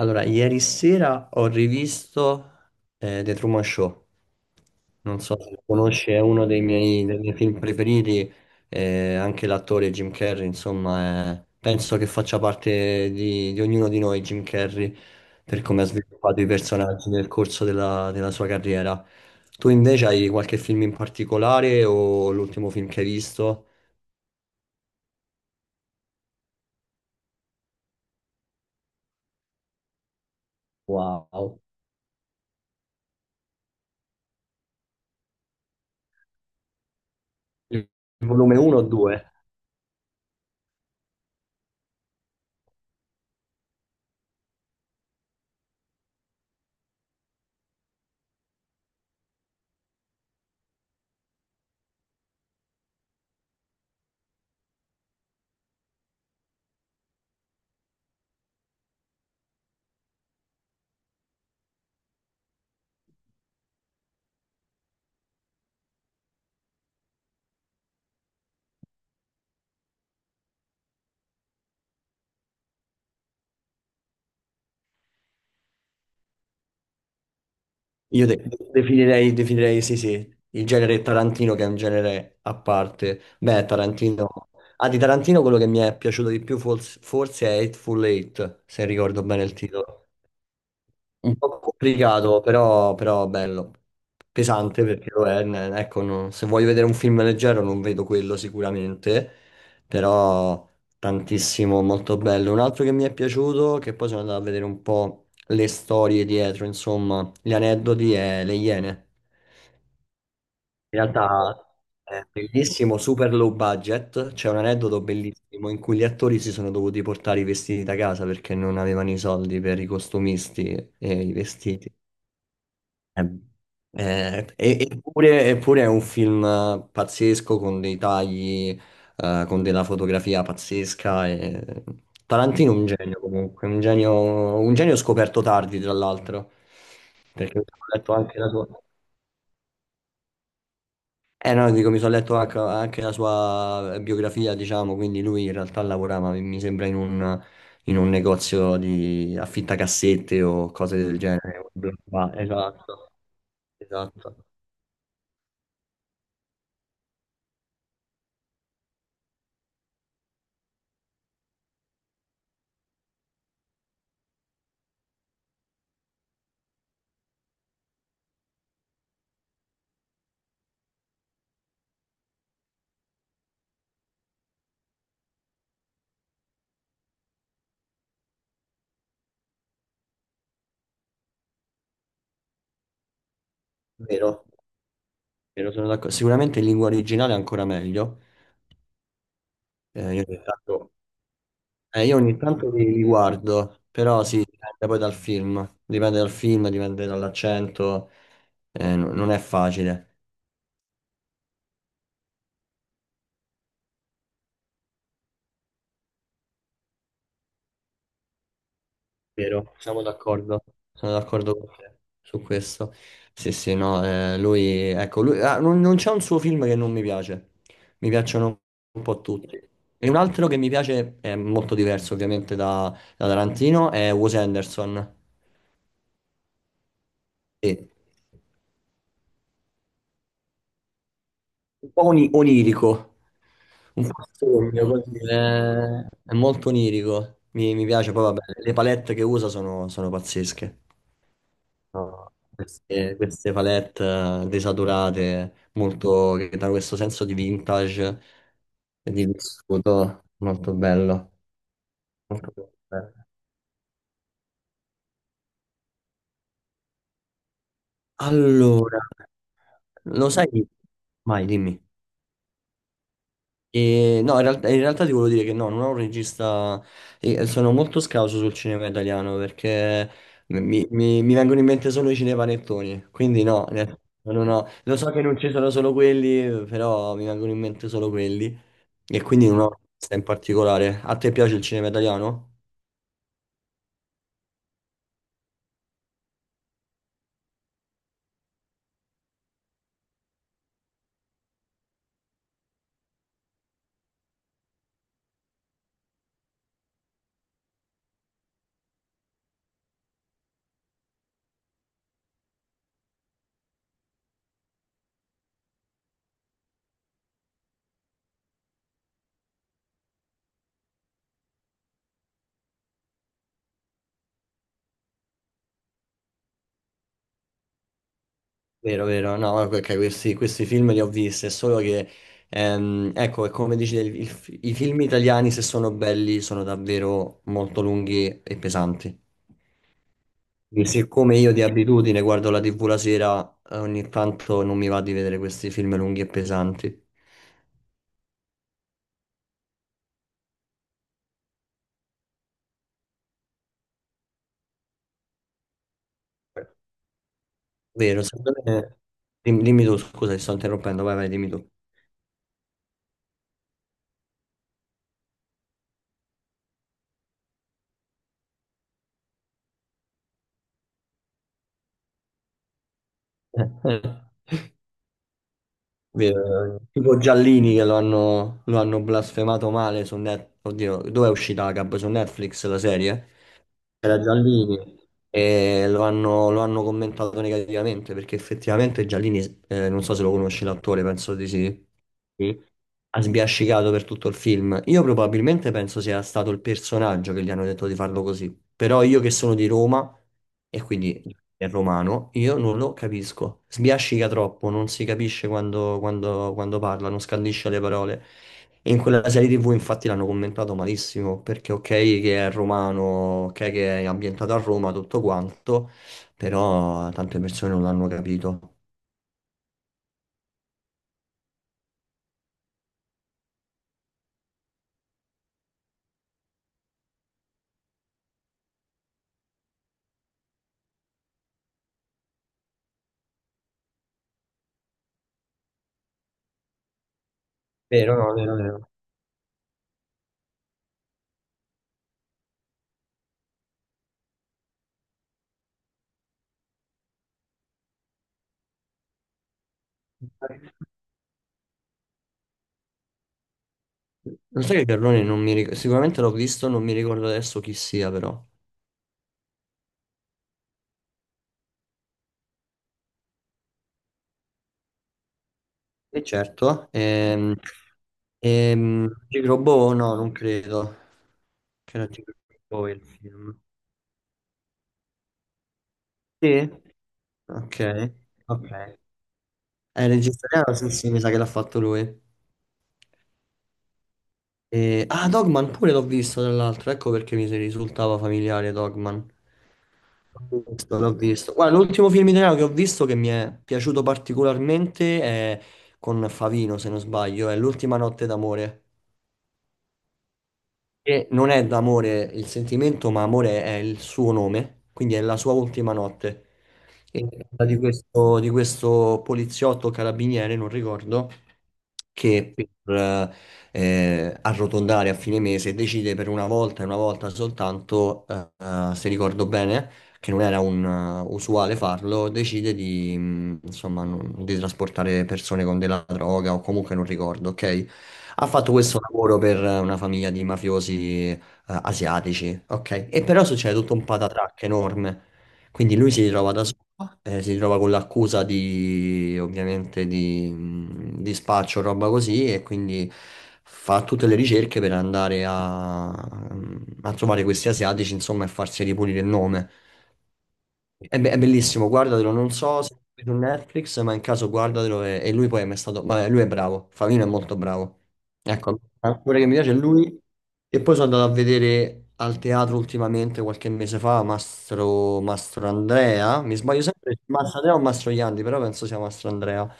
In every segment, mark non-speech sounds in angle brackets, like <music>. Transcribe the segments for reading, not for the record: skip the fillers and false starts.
Allora, ieri sera ho rivisto The Truman Show. Non so se lo conosci, è uno dei miei film preferiti. Anche l'attore Jim Carrey, insomma, penso che faccia parte di ognuno di noi, Jim Carrey, per come ha sviluppato i personaggi nel corso della sua carriera. Tu invece hai qualche film in particolare o l'ultimo film che hai visto? Wow. Il volume 1 o 2? Io definirei, sì, sì, il genere Tarantino che è un genere a parte. Beh, Tarantino. Ah, di Tarantino quello che mi è piaciuto di più forse è Hateful Eight, se ricordo bene il titolo. Un po' complicato, però bello. Pesante perché lo è. Ecco, se voglio vedere un film leggero non vedo quello sicuramente, però tantissimo, molto bello. Un altro che mi è piaciuto, che poi sono andato a vedere un po' le storie dietro, insomma, gli aneddoti è Le Iene. In realtà è bellissimo, super low budget. C'è un aneddoto bellissimo in cui gli attori si sono dovuti portare i vestiti da casa perché non avevano i soldi per i costumisti e i vestiti. Eh, eppure è un film pazzesco con dei tagli, con della fotografia pazzesca. Tarantino è un genio comunque, un genio scoperto tardi tra l'altro, perché mi sono letto anche la sua. Eh no, dico, mi sono letto anche, la sua biografia, diciamo, quindi lui in realtà lavorava, mi sembra, in un negozio di affittacassette o cose del genere. Bla, bla, esatto, esatto. Vero? Vero, sono d'accordo. Sicuramente in lingua originale è ancora meglio. Eh, io, ogni tanto, io ogni tanto li guardo, però sì, dipende poi dal film. Dipende dal film, dipende dall'accento. Non è facile. Vero, siamo d'accordo. Sono d'accordo con te su questo. Sì, sì, no, lui, ecco, lui, ah, non c'è un suo film che non mi piace. Mi piacciono un po' tutti. E un altro che mi piace, è molto diverso ovviamente da Tarantino, è Wes Anderson. Sì. Un po' onirico, un po' sogno, così, è molto onirico, mi piace, poi vabbè, le palette che usa sono pazzesche, No. Queste palette desaturate, molto, che danno questo senso di vintage, e di vissuto, molto bello, molto bello. Allora, lo sai, vai, dimmi. E, no, in realtà ti volevo dire che no, non ho un regista, e sono molto scarso sul cinema italiano perché mi vengono in mente solo i cinepanettoni, quindi no, ne- non ho- lo so che non ci sono solo quelli, però mi vengono in mente solo quelli e quindi non ho un regista in particolare. A te piace il cinema italiano? Vero, vero, no, ok, questi film li ho visti, è solo che, ecco, è come dici, i film italiani se sono belli sono davvero molto lunghi e pesanti. E siccome io di abitudine guardo la TV la sera, ogni tanto non mi va di vedere questi film lunghi e pesanti. Vero, secondo me. Dimmi, tu, scusa, ti sto interrompendo, vai, vai, dimmi tu. <laughs> Eh, Vero, tipo Giallini che lo hanno blasfemato male su Netflix. Oddio, dove è uscita la Gab? Su Netflix la serie? Era Giallini. E lo hanno commentato negativamente perché effettivamente Giallini, non so se lo conosci l'attore, penso di sì. Sì, ha sbiascicato per tutto il film. Io probabilmente penso sia stato il personaggio che gli hanno detto di farlo così. Però io che sono di Roma e quindi è romano, io non lo capisco. Sbiascica troppo, non si capisce quando parla, non scandisce le parole. E in quella serie TV infatti l'hanno commentato malissimo, perché ok che è romano, ok che è ambientato a Roma, tutto quanto, però tante persone non l'hanno capito. Vero, no, vero, vero. Non so che Carlone non mi ricordo, sicuramente l'ho visto, non mi ricordo adesso chi sia però. E certo, Magic Robot no, non credo che era Magic Robot il film. Sì? Ok, ok. Il regista italiano, sì, sì, mi sa che l'ha fatto lui. Ah, Dogman pure l'ho visto, tra l'altro, ecco perché mi si risultava familiare Dogman. L'ho visto, l'ho visto. Guarda, l'ultimo film italiano che ho visto che mi è piaciuto particolarmente è con Favino, se non sbaglio, è L'ultima notte d'amore. Che non è d'amore il sentimento, ma amore è il suo nome, quindi è la sua ultima notte. E parla di questo, poliziotto carabiniere, non ricordo, che per arrotondare a fine mese decide per una volta e una volta soltanto, se ricordo bene che non era un, usuale farlo, decide di, insomma, di trasportare persone con della droga o comunque non ricordo, ok? Ha fatto questo lavoro per una famiglia di mafiosi asiatici, ok? E però succede tutto un patatrac enorme. Quindi lui si ritrova da solo, si ritrova con l'accusa di, ovviamente, di spaccio, roba così, e quindi fa tutte le ricerche per andare mm, a trovare questi asiatici, insomma, e farsi ripulire il nome. È bellissimo, guardatelo, non so se è su Netflix, ma in caso guardatelo e lui poi è mai stato, vabbè, lui è bravo, Favino è molto bravo. Ecco, l'attore che mi piace è lui e poi sono andato a vedere al teatro ultimamente, qualche mese fa, Mastro Andrea, mi sbaglio sempre, Mastro Andrea o Mastro Iandi, però penso sia Mastro Andrea.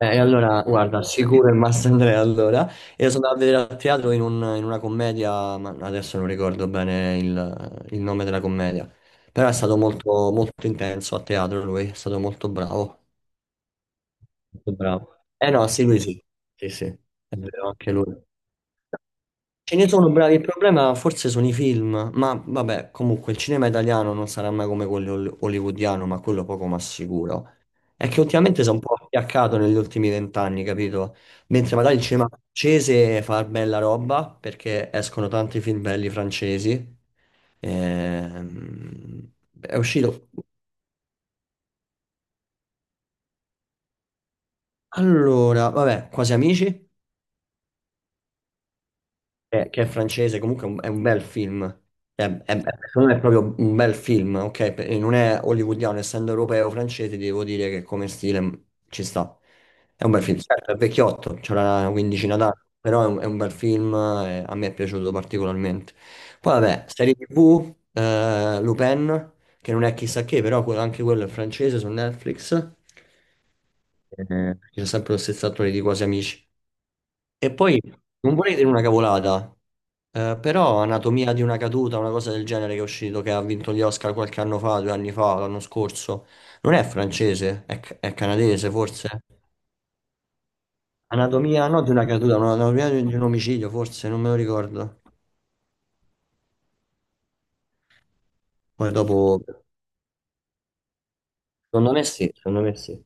E allora, guarda, sicuro il Mastandrea allora. Io sono andato a vedere al teatro in una commedia, ma adesso non ricordo bene il nome della commedia. Però è stato molto, molto intenso a teatro lui, è stato molto bravo. Molto bravo. Eh no, sì, lui sì. Sì, sì, è vero, anche lui. Ce ne sono bravi, il problema forse sono i film, ma vabbè, comunque il cinema italiano non sarà mai come quello hollywoodiano, ma quello poco ma sicuro. È che ultimamente si è un po' appiaccato negli ultimi vent'anni, capito? Mentre magari il cinema francese fa bella roba perché escono tanti film belli francesi. Ehm, è uscito. Allora, vabbè, Quasi Amici. Che è francese, comunque è un bel film. Secondo me è proprio un bel film, ok? Non è hollywoodiano, essendo europeo francese, devo dire che come stile ci sta. È un bel film, certo, è vecchiotto, c'era una quindicina d'anni, però è un bel film, a me è piaciuto particolarmente. Poi vabbè, serie TV, Lupin, che non è chissà che, però anche quello è francese su Netflix. C'è sempre lo stesso attore di Quasi Amici. E poi non vorrei dire una cavolata, però Anatomia di una caduta, una cosa del genere che è uscito, che ha vinto gli Oscar qualche anno fa, 2 anni fa, l'anno scorso, non è francese, è canadese forse. Anatomia, no, di una caduta, no, anatomia di un omicidio forse, non me lo ricordo. Poi dopo, secondo me sì, secondo me sì.